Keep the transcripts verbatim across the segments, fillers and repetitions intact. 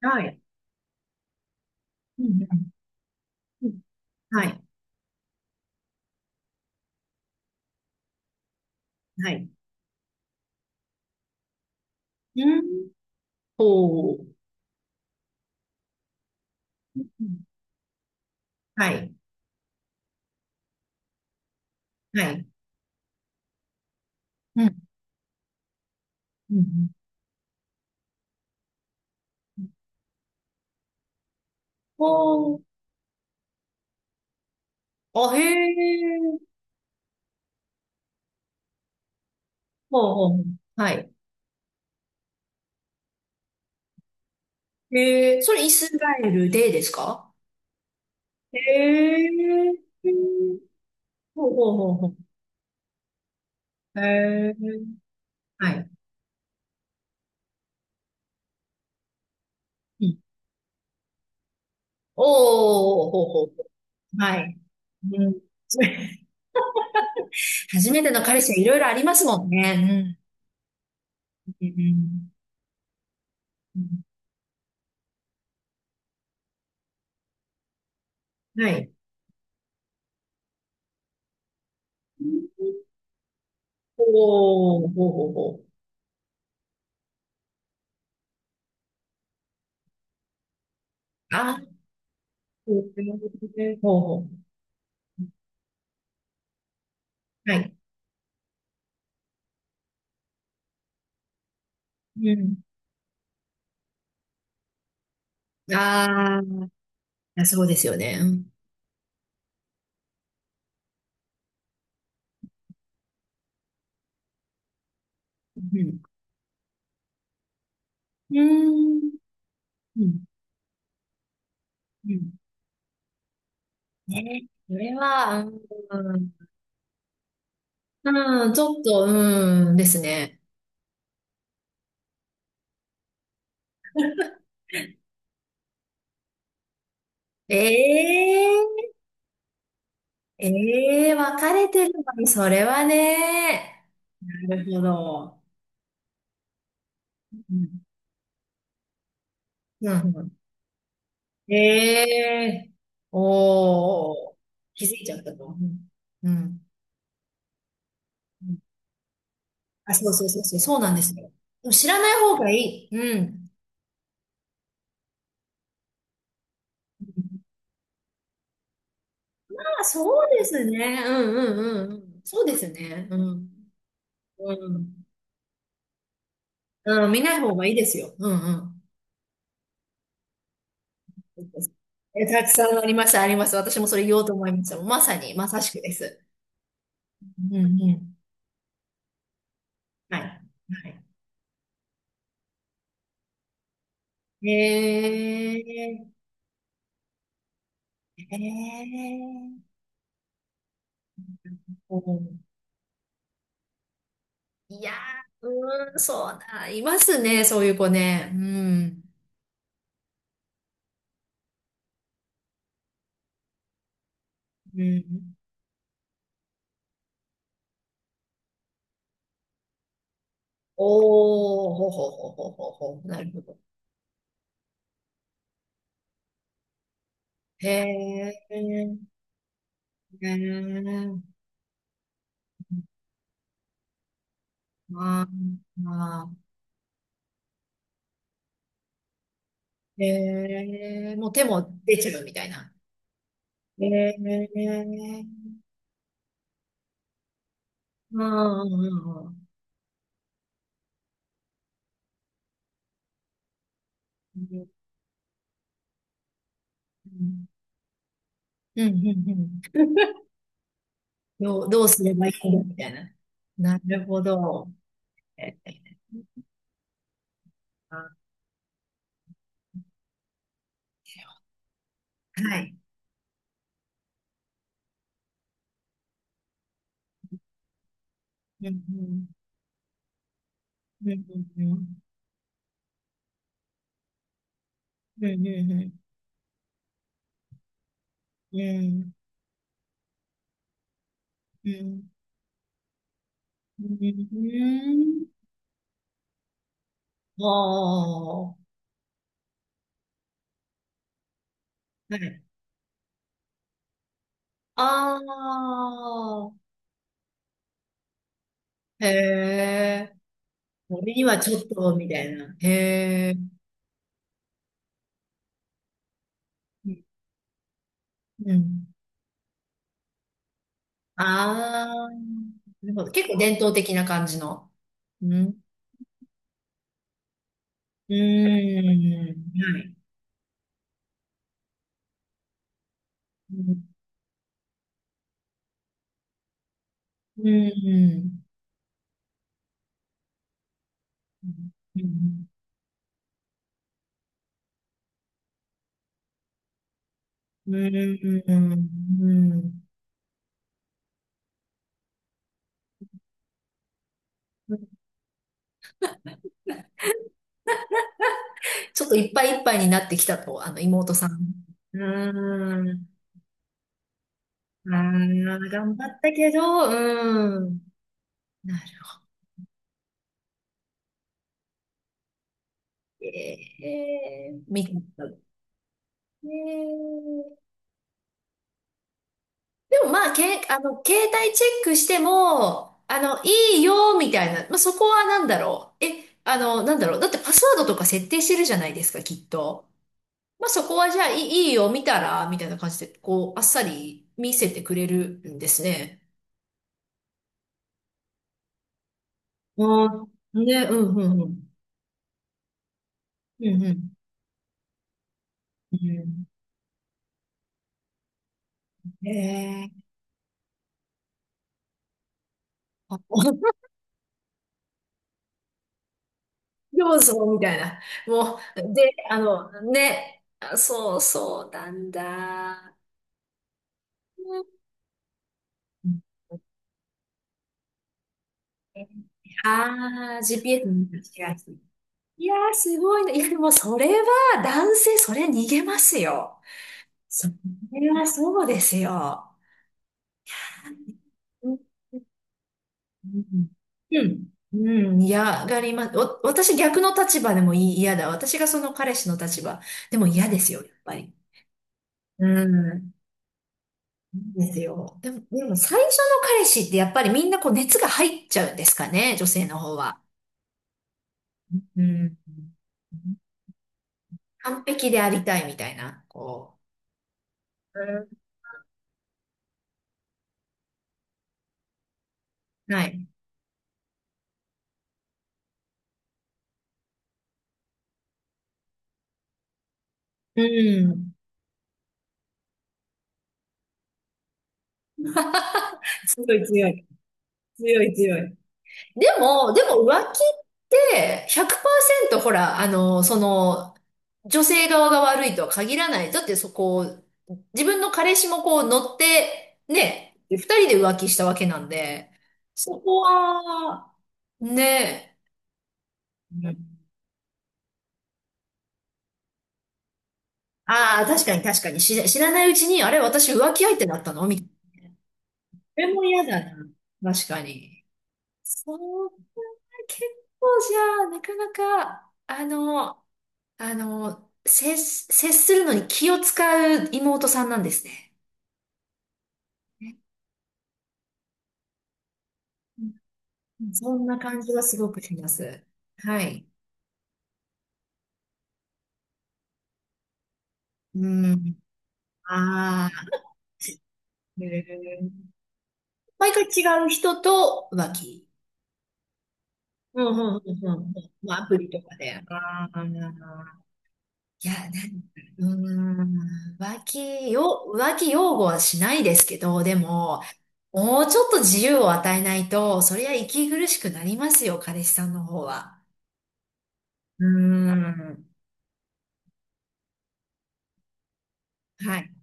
はい。うんうんうんはい。はい。うん。ほう。うんはい。はい。うん。うん。うんほう。あ、へえ。ほうほう。はい。へえ。それイスラエルでですか？へえ。ほうほうほうほう。へえ。はい。うん。おー、ほうほうほう。はい。うん。初めての彼氏はいろいろありますもんね。うん。うん。うん。うんはい。おお、ほうほうほう。ああ、そういうことねほうほう。はい。うん。ああ、そうですよね。うん。うん。うーん。うん。うんね。それは、うん。うん、ちょっと、うん、ですね。ええーええー分かれてるのに、それはね。なるほど。うん。うんうんええおおー、気づいちゃったと。うん。うん。あ、そうそうそうそう、そうなんですよ。でも知らない方がいい。うん。あ、そうですね。うんうんうんうん。そうですね。うん。うん。うん、見ない方がいいですよ。うんうん。え、たくさんあります、あります。私もそれ言おうと思いました。まさに、まさしくです。うんうん。はい。はい。えー、えー、うん。いやー、うーん、そうだ、いますね、そういう子ね。うん。うん。おおほほほほほほなるほどへえまあええもう手も出ちゃうみたいなええまあうんうんうんうんうんうんうんどうどうすればいいみたいななるほどはいうんうんうんうんうんうんうんうんうんうんうんおおはい。ああ、へえ。俺にはちょっと、みたいな。へえ。うん。ああ、なるほど。結構伝統的な感じの。うん。うーん。はい。うん。うん。うん。うん。うん。うんちょっといっぱいいっぱいになってきたと、あの、妹さん。うーん。ああ、頑張ったけど、うん。なるほど。えーみえーでもまあ、け、あの、携帯チェックしても、あの、いいよ、みたいな。まあ、そこはなんだろう。え、あの、なんだろう。だってパスワードとか設定してるじゃないですか、きっと。まあ、そこはじゃあ、いい、いいよ、見たら、みたいな感じで、こう、あっさり見せてくれるんですね。ああ、ね、うん、うん、うん。うん、うん。うん。えー、あそうそう、みたいな。もう、で、あの、ね、あそうそうなんだ。うんああー、ジーピーエス 見たきがすいいやー、すごいな。いや、でもそれは、男性、それ逃げますよ。それはそうですよ。うん。うんうん。うん、嫌がります。お、私逆の立場でもいい、嫌だ。私がその彼氏の立場でも嫌ですよ、やっぱり。うん。ですよ。でも、でも最初の彼氏ってやっぱりみんなこう熱が入っちゃうんですかね、女性の方は。うん。完璧でありたいみたいな、こう。うんはい。うん。強い強い。強い強い。でも、でも浮気ってひゃくパーセントほら、あの、その、女性側が悪いとは限らない。だってそこ、自分の彼氏もこう乗って、ね、二人で浮気したわけなんで、そこは、ね、ああー、確かに確かに、知ら知らないうちに、あれ、私浮気相手だったのみたいな。それも嫌だな。確かに。そう、結構じゃあ、なかなか、あの、あの、接、接するのに気を使う妹さんなんですね。ねうんそんな感じはすごくします。はい。うん。ああ。へえ毎回違う人と浮気。うんうんうんうんうん。まあ、アプリとかで。ああ、いや、なんうーん、浮気よ、浮気擁護はしないですけど、でも、もうちょっと自由を与えないと、そりゃ息苦しくなりますよ、彼氏さんの方は。うーん。はい。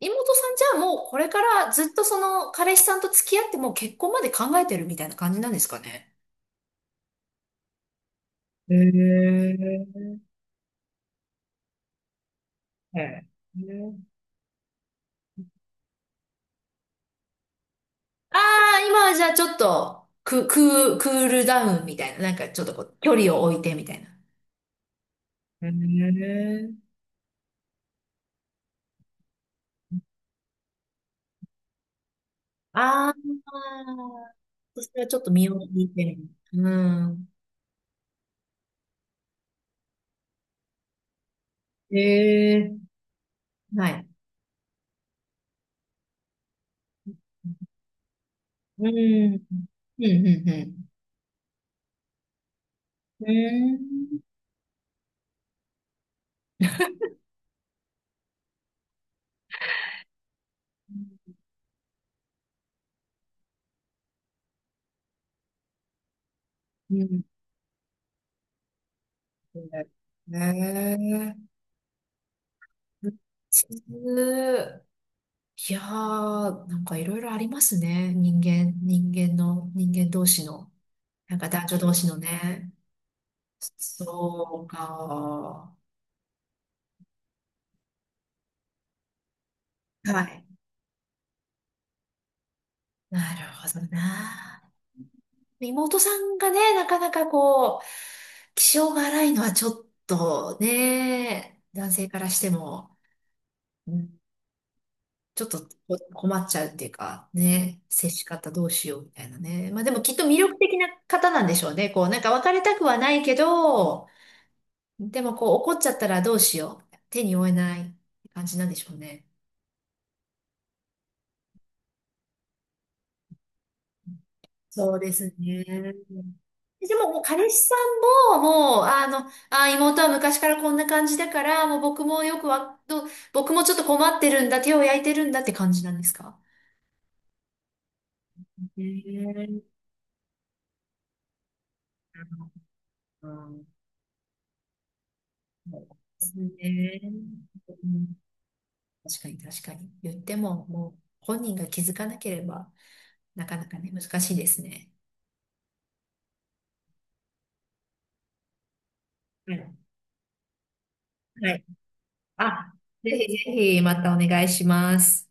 妹さんじゃあもうこれからずっとその彼氏さんと付き合ってもう結婚まで考えてるみたいな感じなんですかね？へえええ。ねああ、今はじゃあちょっと、ク、クー、クールダウンみたいな。なんかちょっとこう、距離を置いてみたいな。ええああ、それはちょっと身を引いてみる。うん。ええはい。うん。うん、うん、うん。うん。うん。へえ普通。いやー、なんかいろいろありますね。人間、人間の、人間同士の、なんか男女同士のね。そうか。はい。なるほどな。妹さんがね、なかなかこう、気性が荒いのはちょっとね、男性からしても、うんちょっとこ困っちゃうっていうか、ね、接し方どうしようみたいなね。まあでもきっと魅力的な方なんでしょうね。こう、なんか別れたくはないけど、でもこう怒っちゃったらどうしよう。手に負えない感じなんでしょうね。そうですね。でも、もう彼氏さんも、もう、あの、あ、妹は昔からこんな感じだから、もう僕もよくわ、ど僕もちょっと困ってるんだ、手を焼いてるんだって感じなんですかねうん、そうですね。うん、確かに確かに。言っても、もう本人が気づかなければ、なかなかね、難しいですね。はい。はいあ、ぜひぜひまたお願いします。